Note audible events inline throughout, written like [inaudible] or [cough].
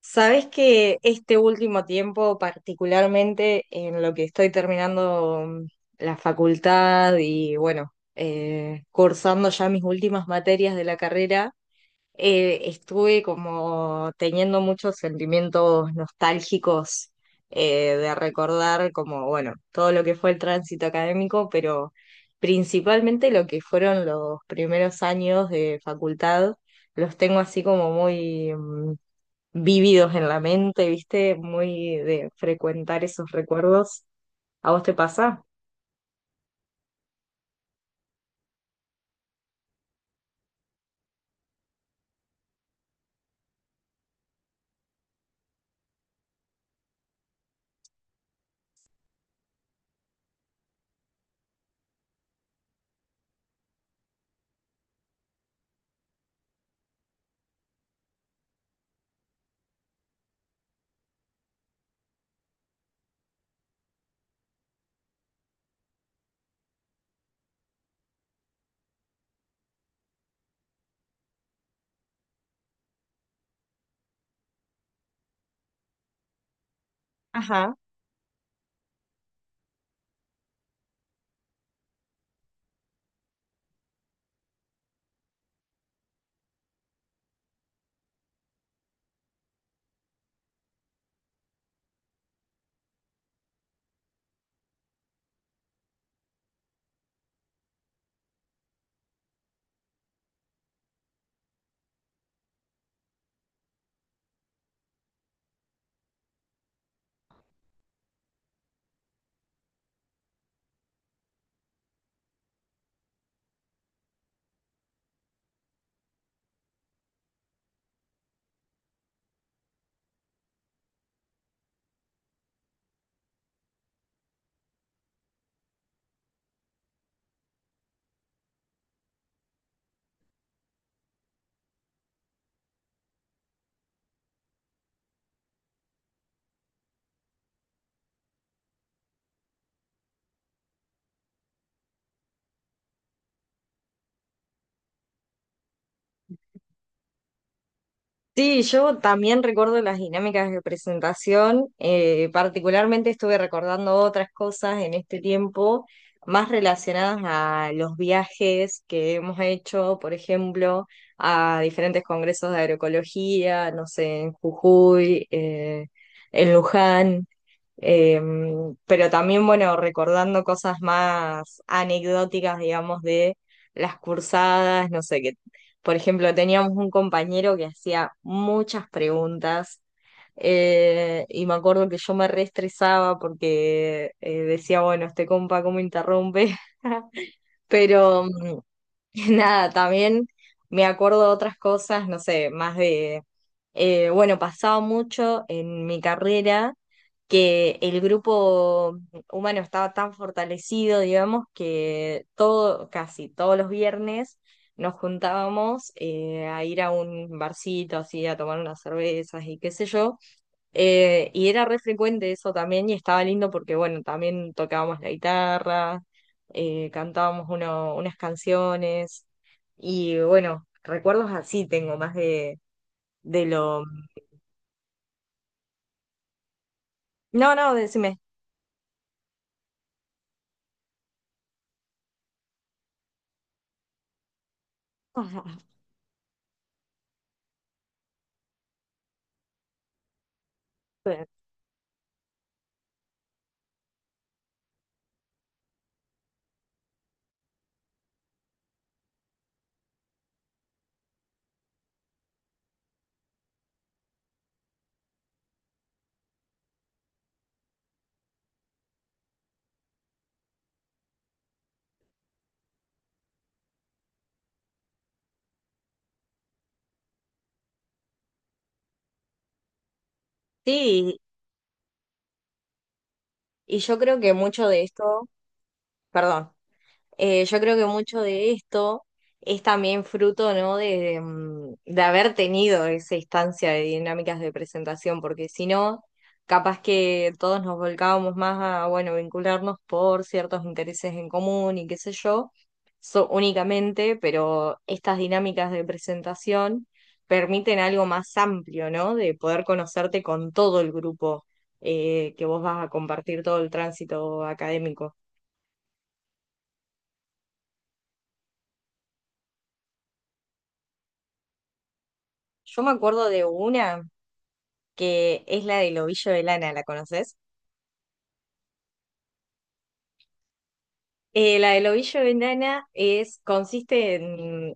Sabes que este último tiempo, particularmente en lo que estoy terminando la facultad. Y bueno, cursando ya mis últimas materias de la carrera, estuve como teniendo muchos sentimientos nostálgicos, de recordar como, bueno, todo lo que fue el tránsito académico, pero principalmente lo que fueron los primeros años de facultad, los tengo así como muy vívidos en la mente, ¿viste? Muy de frecuentar esos recuerdos. ¿A vos te pasa? Sí, yo también recuerdo las dinámicas de presentación. Particularmente estuve recordando otras cosas en este tiempo, más relacionadas a los viajes que hemos hecho, por ejemplo, a diferentes congresos de agroecología, no sé, en Jujuy, en Luján. Eh, pero también, bueno, recordando cosas más anecdóticas, digamos, de las cursadas, no sé, que, por ejemplo, teníamos un compañero que hacía muchas preguntas, y me acuerdo que yo me reestresaba porque decía, bueno, este compa, ¿cómo interrumpe? [laughs] Pero [laughs] nada, también me acuerdo de otras cosas, no sé, más de, bueno, pasaba mucho en mi carrera que el grupo humano estaba tan fortalecido, digamos, que todo, casi todos los viernes nos juntábamos, a ir a un barcito así, a tomar unas cervezas y qué sé yo. Y era re frecuente eso también y estaba lindo porque, bueno, también tocábamos la guitarra, cantábamos unas canciones y, bueno, recuerdos así tengo más de lo... No, no, decime. [laughs] Sí, y yo creo que mucho de esto, perdón. Yo creo que mucho de esto es también fruto, ¿no?, de, de haber tenido esa instancia de dinámicas de presentación, porque si no, capaz que todos nos volcábamos más a, bueno, vincularnos por ciertos intereses en común y qué sé yo, únicamente, pero estas dinámicas de presentación permiten algo más amplio, ¿no? De poder conocerte con todo el grupo, que vos vas a compartir todo el tránsito académico. Yo me acuerdo de una, que es la del ovillo de lana, ¿la conoces? La del ovillo de lana es, consiste en,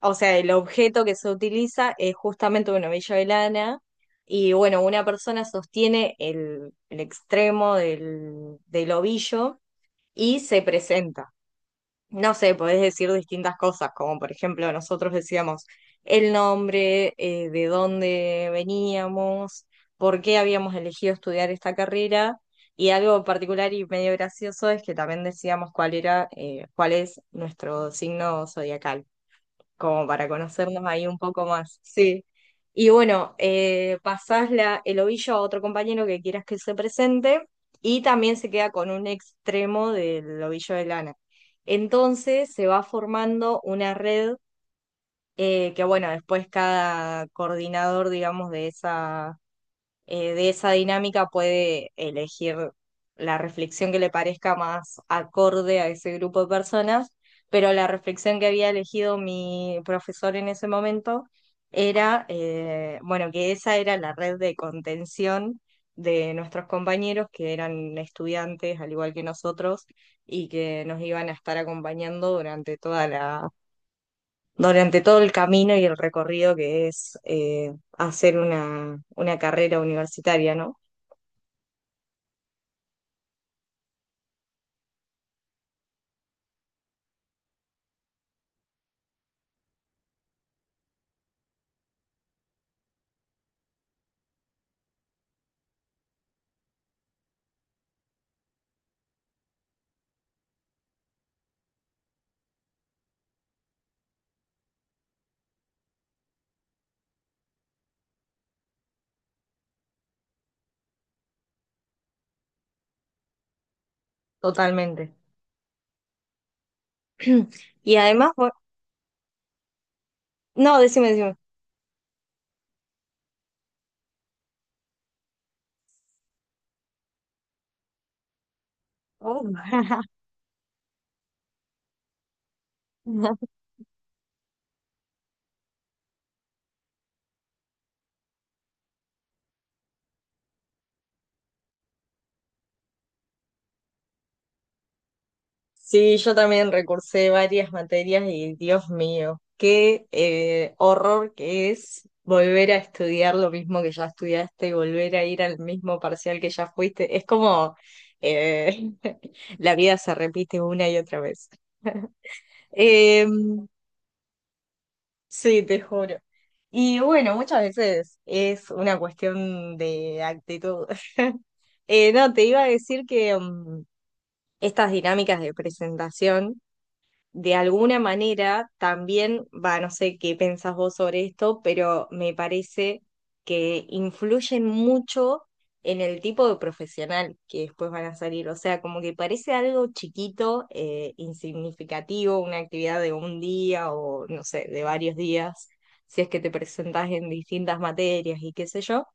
o sea, el objeto que se utiliza es justamente un ovillo de lana y bueno, una persona sostiene el extremo del ovillo y se presenta. No sé, podés decir distintas cosas, como por ejemplo nosotros decíamos el nombre, de dónde veníamos, por qué habíamos elegido estudiar esta carrera. Y algo particular y medio gracioso es que también decíamos cuál era, cuál es nuestro signo zodiacal, como para conocernos ahí un poco más, sí. Y bueno, pasás el ovillo a otro compañero que quieras que se presente, y también se queda con un extremo del ovillo de lana. Entonces se va formando una red, que bueno, después cada coordinador, digamos, de esa, de esa dinámica puede elegir la reflexión que le parezca más acorde a ese grupo de personas, pero la reflexión que había elegido mi profesor en ese momento era, bueno, que esa era la red de contención de nuestros compañeros que eran estudiantes al igual que nosotros y que nos iban a estar acompañando durante toda la, durante todo el camino y el recorrido que es hacer una carrera universitaria, ¿no? Totalmente. [clears throat] Y además, no, decime, decime. Oh. [laughs] Sí, yo también recursé varias materias y Dios mío, qué horror que es volver a estudiar lo mismo que ya estudiaste y volver a ir al mismo parcial que ya fuiste. Es como eh, [laughs] la vida se repite una y otra vez. Em, Sí, te juro. Y bueno, muchas veces es una cuestión de actitud. [laughs] No, te iba a decir que estas dinámicas de presentación de alguna manera también, va, no sé qué pensás vos sobre esto, pero me parece que influyen mucho en el tipo de profesional que después van a salir. O sea, como que parece algo chiquito, insignificativo, una actividad de un día o, no sé, de varios días, si es que te presentás en distintas materias y qué sé yo.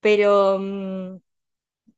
Pero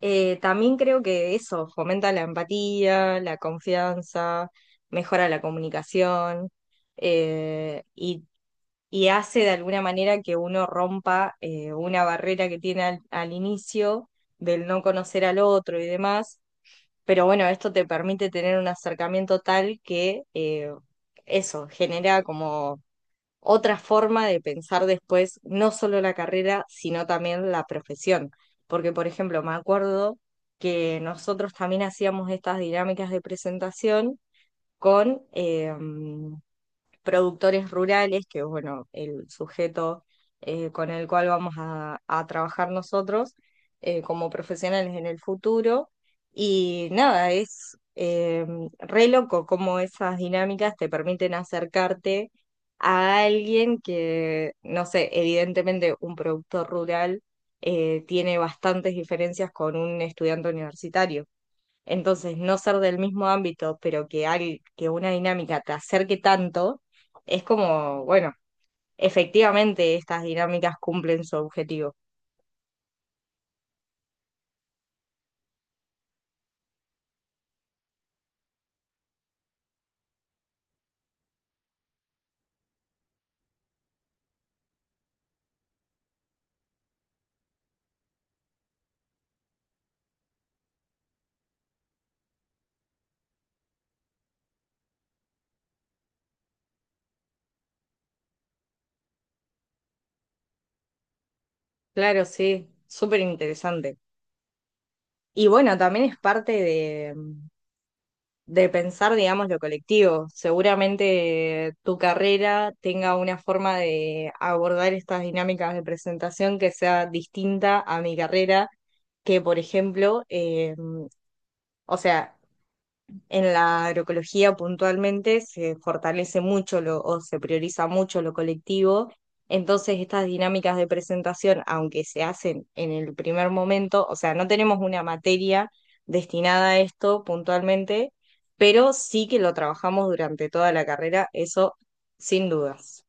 también creo que eso fomenta la empatía, la confianza, mejora la comunicación, y y hace de alguna manera que uno rompa, una barrera que tiene al inicio del no conocer al otro y demás. Pero bueno, esto te permite tener un acercamiento tal que eso genera como otra forma de pensar después no solo la carrera, sino también la profesión. Porque, por ejemplo, me acuerdo que nosotros también hacíamos estas dinámicas de presentación con, productores rurales, que es bueno, el sujeto, con el cual vamos a trabajar nosotros como profesionales en el futuro. Y nada, es re loco cómo esas dinámicas te permiten acercarte a alguien que, no sé, evidentemente un productor rural tiene bastantes diferencias con un estudiante universitario. Entonces, no ser del mismo ámbito, pero que, que una dinámica te acerque tanto, es como, bueno, efectivamente estas dinámicas cumplen su objetivo. Claro, sí, súper interesante. Y bueno, también es parte de pensar, digamos, lo colectivo. Seguramente tu carrera tenga una forma de abordar estas dinámicas de presentación que sea distinta a mi carrera que, por ejemplo, o sea, en la agroecología puntualmente se fortalece mucho lo, o se prioriza mucho lo colectivo, entonces estas dinámicas de presentación, aunque se hacen en el primer momento, o sea, no tenemos una materia destinada a esto puntualmente, pero sí que lo trabajamos durante toda la carrera, eso sin dudas.